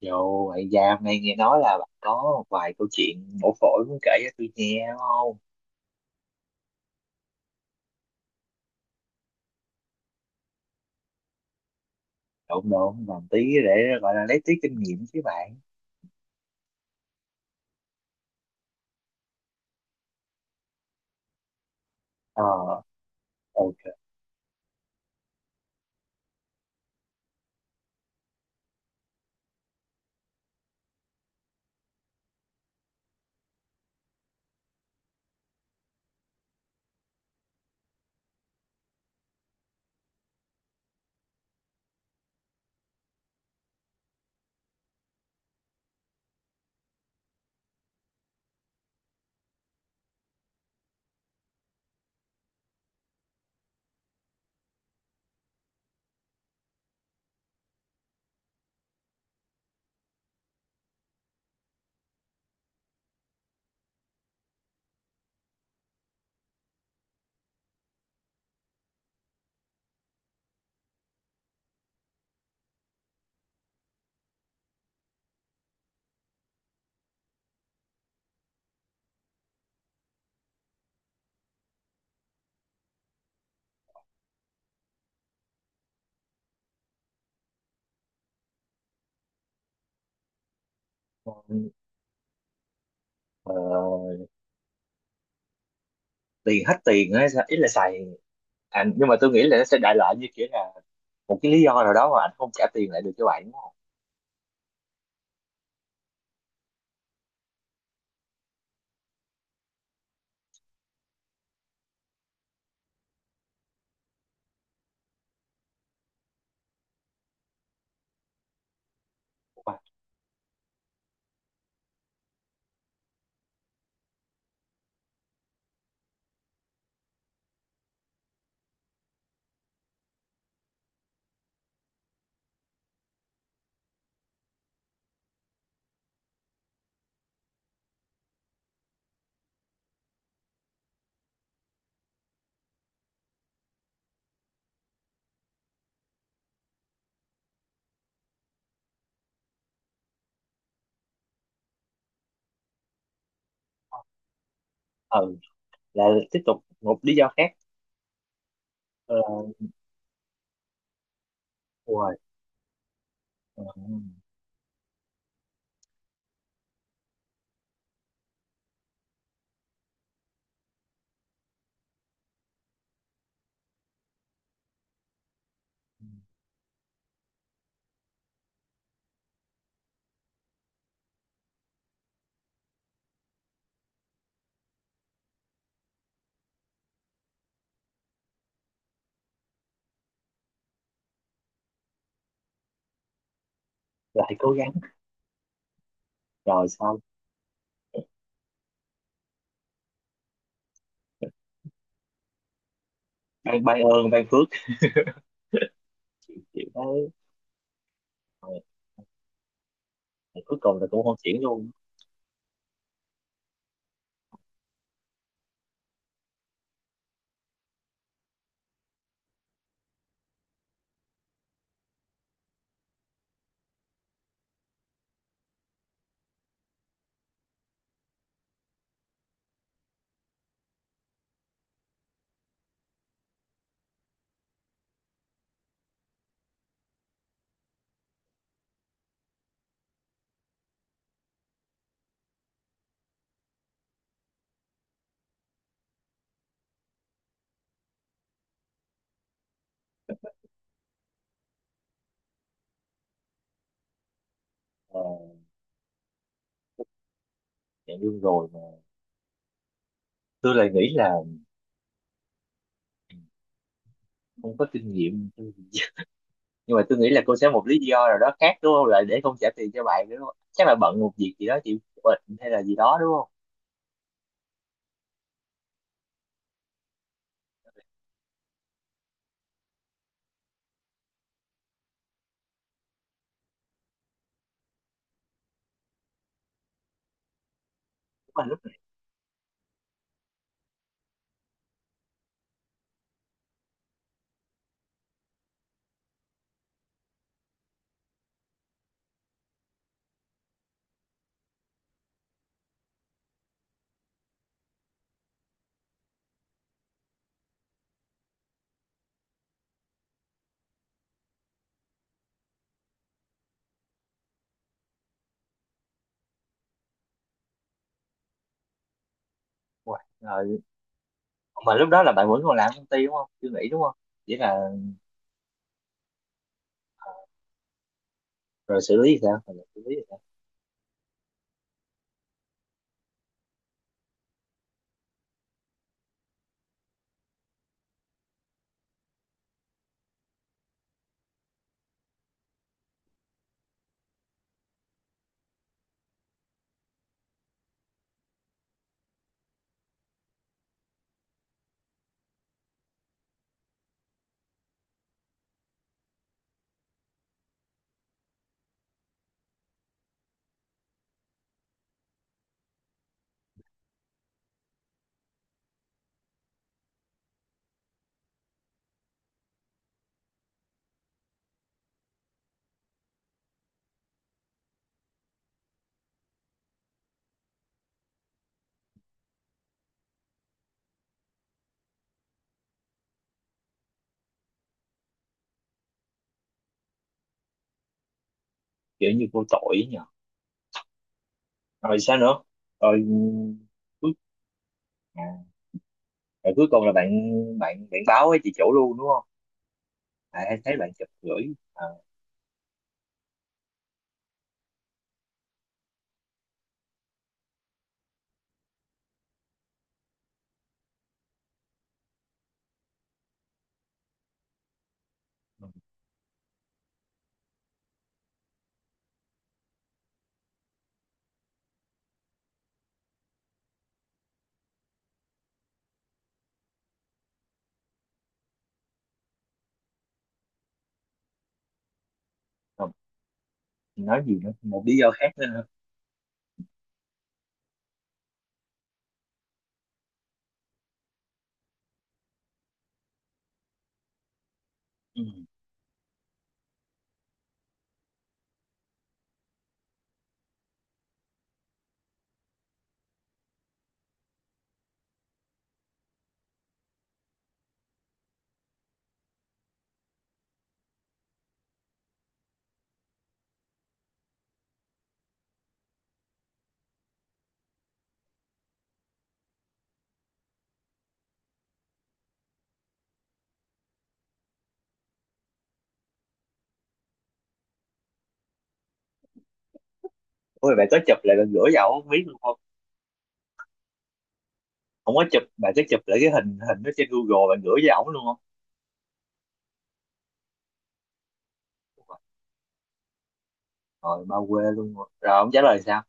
Dù vậy ra hôm nay nghe nói là bạn có một vài câu chuyện mổ phổi muốn kể cho tôi nghe đúng không? Độn độn làm tí để gọi là lấy tí kinh nghiệm chứ bạn. Ờ, ok. Ờ, Tiền hết tiền á, ý là xài. À, nhưng mà tôi nghĩ là nó sẽ đại loại như kiểu là một cái lý do nào đó mà anh không trả tiền lại được cho bạn đúng không? À, ừ, là tiếp tục một lý do khác. Ờ, rồi, ừ, lại cố gắng rồi xong. Ban ban ơn ban phước, kiểu đấy. Rồi, cuối cùng là cũng không chuyển luôn. Ờ. Dạng lương rồi mà tôi lại nghĩ là không có kinh nghiệm, nhưng mà tôi nghĩ là cô sẽ một lý do nào đó khác đúng không, lại để không trả tiền cho bạn đúng không? Chắc là bận một việc gì đó, chị bệnh hay là gì đó đúng không? Mà lúc rồi mà lúc đó là bạn vẫn còn làm công ty đúng không, chưa nghĩ đúng không? Chỉ là rồi xử lý thì sao, rồi xử lý sao? Kiểu như vô tội ấy, rồi sao nữa? Rồi, ừ, cuối à, rồi cuối cùng là bạn, bạn báo với chị chủ luôn đúng không? À, em thấy bạn chụp gửi. À, không, nói gì nữa, một lý do khác nữa hả? Ừ. Ôi, bạn có chụp lại bạn gửi cho ổng không, biết luôn không? Không có chụp, bạn có chụp lại cái hình hình đó trên Google bạn gửi cho ổng luôn không? Ôi, rồi bao quê luôn rồi. Rồi ông trả lời sao?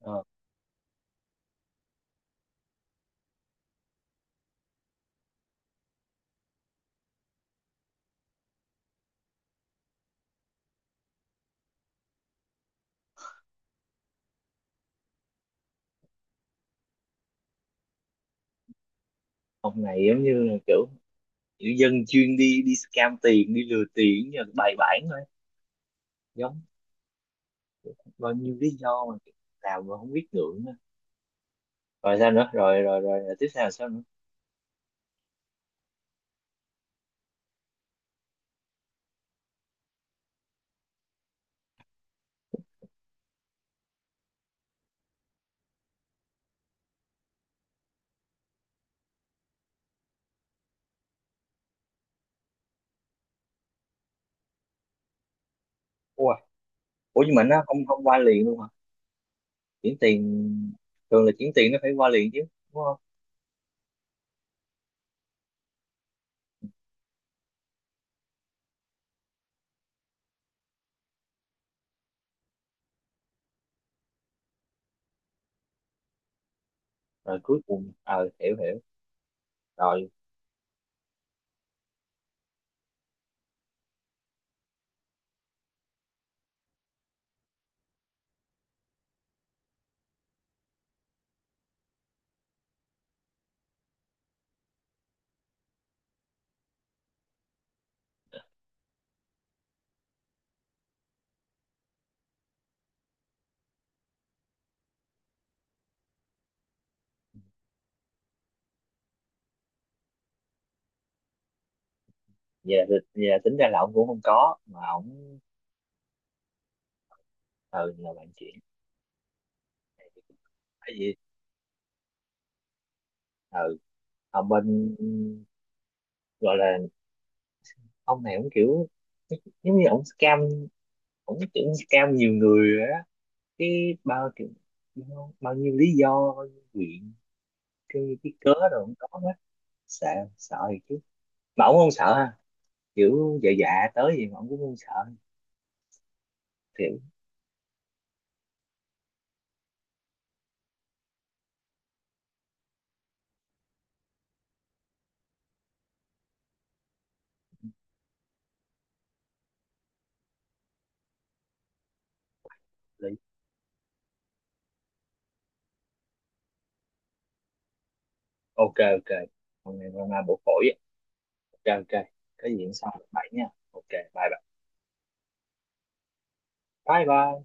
Ờ, ông này giống như là kiểu kiểu dân chuyên đi đi scam tiền, đi lừa tiền như là bài bản thôi. Giống bao nhiêu lý do mà làm mà không biết ngượng á. Rồi sao nữa? Rồi tiếp theo là sao nữa? Ủa, ủa nhưng mà nó không không qua liền luôn hả? Chuyển tiền thường là chuyển tiền nó phải qua liền chứ, đúng không? Rồi cuối cùng ờ hiểu hiểu. Rồi vậy là, vậy là tính ra là ông cũng không có mà ông ừ là bạn chuyển này, tại vì ừ ông bên gọi là ông này ông kiểu giống như ông scam, ông kiểu scam nhiều người rồi á, cái bao kiểu bao nhiêu lý do bao nhiêu chuyện, cái cớ rồi ông có hết. Sợ, sợ thì chứ mà ông không sợ ha, kiểu dạ dạ tới gì mà ông cũng không sợ, kiểu lý- ok ok. Hôm nay hôm nay bổ phổi á. Ok ok. Có gì hôm sau bậy nha. Ok, bye bye. Bye bye.